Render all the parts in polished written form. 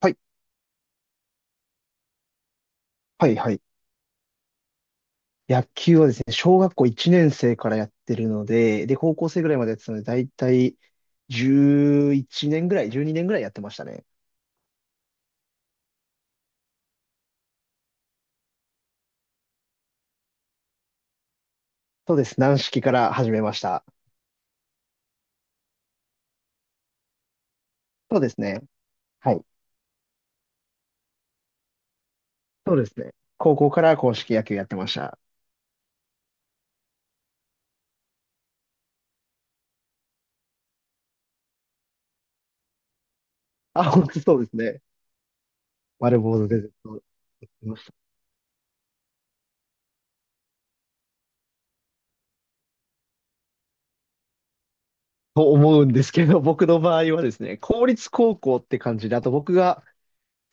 はい、はい、はい。野球はですね、小学校1年生からやってるので、で、高校生ぐらいまでやってたので、だいたい11年ぐらい、12年ぐらいやってましたね。そうです。軟式から始めました。そうですね。はい。そうですね。高校から硬式野球やってました。あ、本当そうですね。丸坊主でずっといました。と思うんですけど、僕の場合はですね、公立高校って感じで、あと僕が、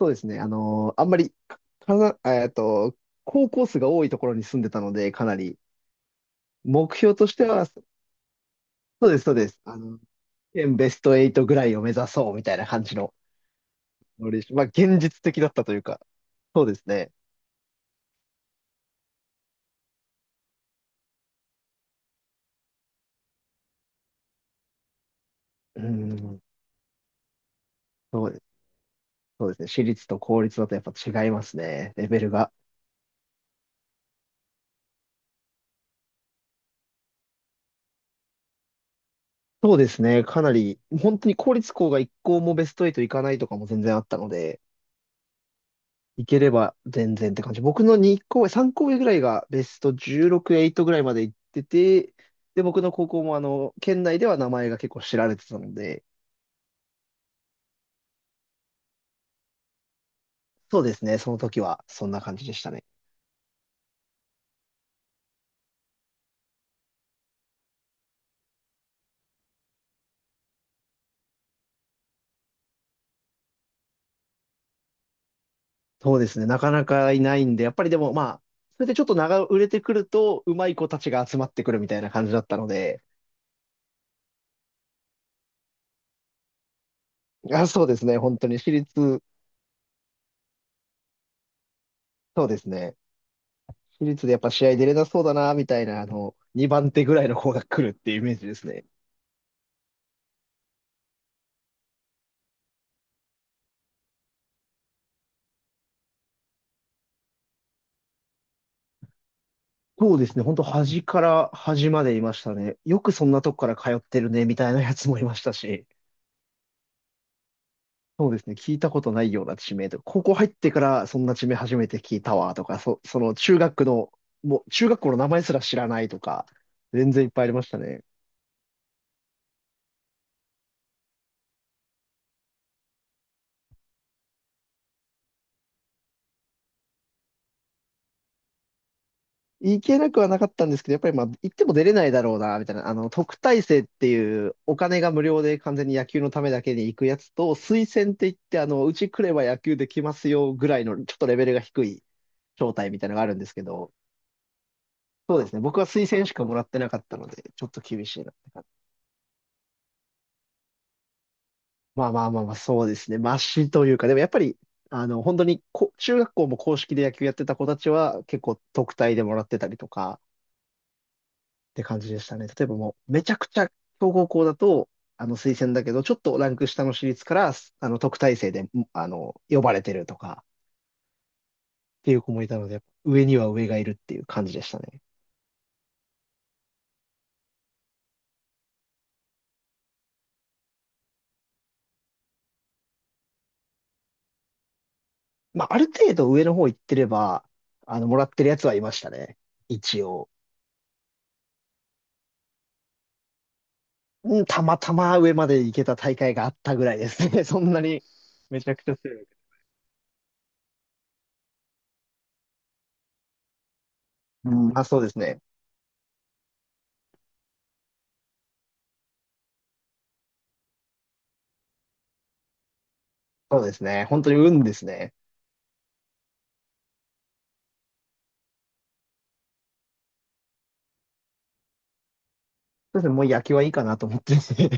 そうですね、あのーあんまり、かな、えっと、高校数が多いところに住んでたので、かなり、目標としては、そうです。あの、現ベスト8ぐらいを目指そうみたいな感じのノリでした。まあ、現実的だったというか、そうですね。うん、そうです、そうですね。私立と公立だとやっぱ違いますね、レベルが。そうですね、かなり、本当に公立校が1校もベスト8行かないとかも全然あったので、行ければ全然って感じ。僕の2校上、3校上ぐらいがベスト16、8ぐらいまで行ってて、で、僕の高校も県内では名前が結構知られてたので、そうですね。その時は、そんな感じでしたね。そうですね。なかなかいないんで、やっぱりでもまあ、それでちょっと長売れてくると、うまい子たちが集まってくるみたいな感じだったので、あ、そうですね。本当に私立、そうですね。私立でやっぱ試合出れなそうだな、みたいな、2番手ぐらいの子が来るっていうイメージですね。そうですね。本当端から端までいましたね。よくそんなとこから通ってるね、みたいなやつもいましたし。そうですね。聞いたことないような地名とか、高校入ってからそんな地名初めて聞いたわとか、その中学の、もう中学校の名前すら知らないとか、全然いっぱいありましたね。行けなくはなかったんですけど、やっぱりまあ、行っても出れないだろうな、みたいな。あの、特待生っていうお金が無料で完全に野球のためだけに行くやつと、推薦って言って、あの、うち来れば野球できますよぐらいの、ちょっとレベルが低い招待みたいなのがあるんですけど、そうですね。僕は推薦しかもらってなかったので、ちょっと厳しいなって感じ。そうですね。マシというか、でもやっぱり、あの、本当にこ、中学校も公式で野球やってた子たちは、結構特待でもらってたりとか、って感じでしたね。例えばもう、めちゃくちゃ強豪校だと、あの、推薦だけど、ちょっとランク下の私立から、あの、特待生で、あの、呼ばれてるとか、っていう子もいたので、上には上がいるっていう感じでしたね。まあ、ある程度上の方行ってれば、あの、もらってるやつはいましたね。一応。うん、たまたま上まで行けた大会があったぐらいですね。そんなにめちゃくちゃ強いわけ。うん、まあ、そうですね。そうですね。本当に運ですね。そうですね。もう野球はいいかなと思ってですね。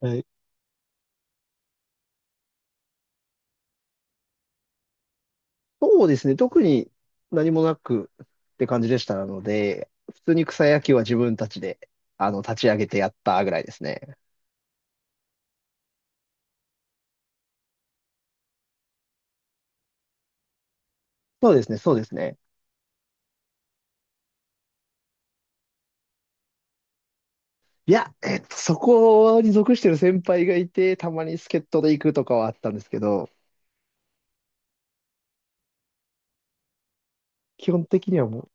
はい。そうですね。特に何もなくって感じでしたので、普通に草野球は自分たちで、立ち上げてやったぐらいですね。そうですね。そうですね。そこに属してる先輩がいて、たまに助っ人で行くとかはあったんですけど、基本的にはも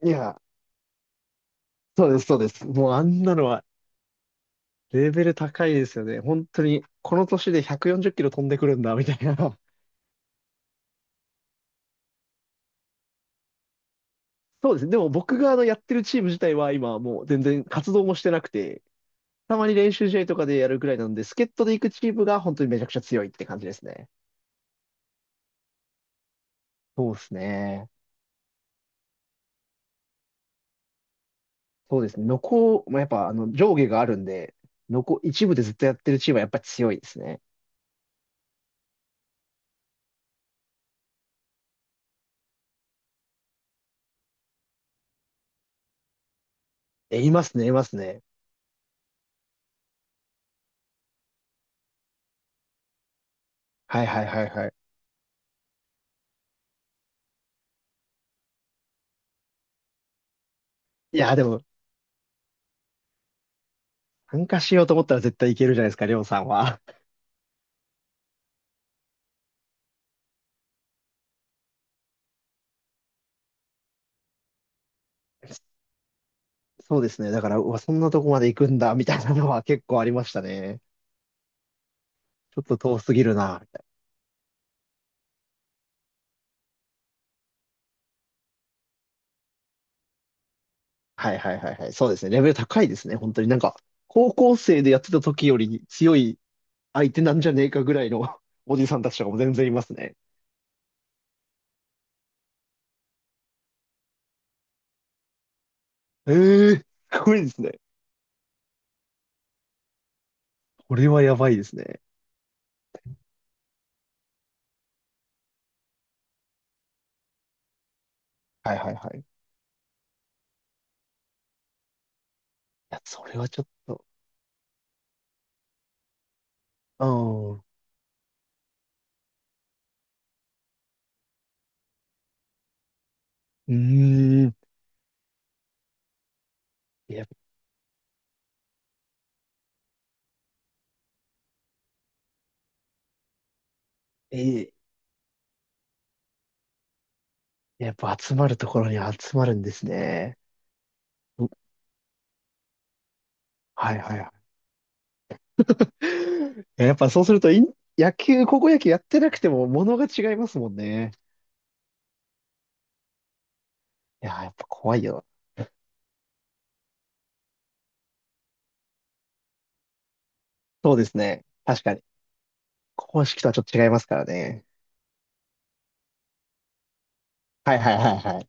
う、いや、そうです。もうあんなのはレベル高いですよね。本当に、この年で140キロ飛んでくるんだ、みたいな。そうですね。でも僕がやってるチーム自体は今はもう全然活動もしてなくて、たまに練習試合とかでやるぐらいなんで、助っ人で行くチームが本当にめちゃくちゃ強いって感じですね。そうですね。そうですね。まあ、やっぱ上下があるんで、一部でずっとやってるチームはやっぱ強いですね。え、いますね。はいはいはいはい。いや、でも参加しようと思ったら絶対いけるじゃないですか、りょうさんは。そうですね。だから、うわ、そんなとこまで行くんだ、みたいなのは結構ありましたね。ちょっと遠すぎるな、みたいな。はいはいはいはい。そうですね。レベル高いですね。本当になんか、高校生でやってた時より強い相手なんじゃねえかぐらいの おじさんたちとかも全然いますね。ええー、すごいですね。これはやばいですね。はいはいはい。いや、それはちょっと、うん。うーん。やっぱ、えーやっぱ集まるところに集まるんですね。うはいはいはい。やっぱそうすると高校野球やってなくても物が違いますもんね。いやー、やっぱ怖いよ。そうですね。確かに。公式とはちょっと違いますからね。はいはいはいはい。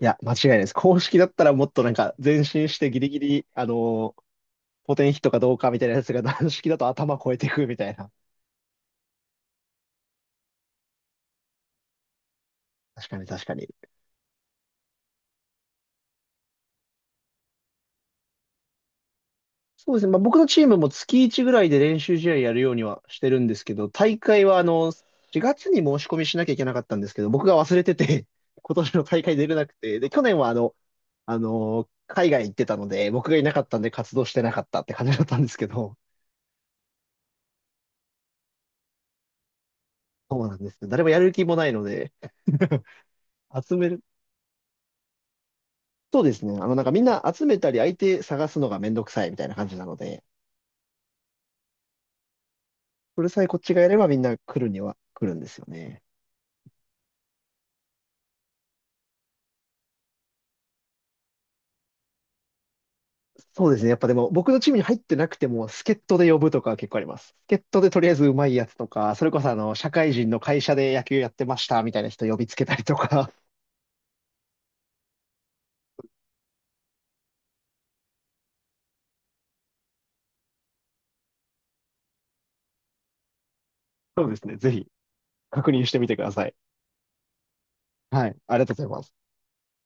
いや、間違いないです。公式だったらもっとなんか前進してギリギリ、ポテンヒットかどうかみたいなやつが軟式だと頭超えていくみたいな。確かに確かに。そうですね。まあ、僕のチームも月1ぐらいで練習試合やるようにはしてるんですけど、大会はあの、4月に申し込みしなきゃいけなかったんですけど、僕が忘れてて、今年の大会出れなくて、で、去年はあの、海外行ってたので、僕がいなかったんで活動してなかったって感じだったんですけど、そうなんです。誰もやる気もないので、集める。そうですね。あの、なんかみんな集めたり相手探すのがめんどくさいみたいな感じなので、それさえこっちがやればみんな来るには来るんですよね。そうですね。やっぱでも、僕のチームに入ってなくても、助っ人で呼ぶとかは結構あります。助っ人でとりあえずうまいやつとか、それこそあの、社会人の会社で野球やってましたみたいな人呼びつけたりとか、そうですね。ぜひ確認してみてください。はい。ありがとうございます。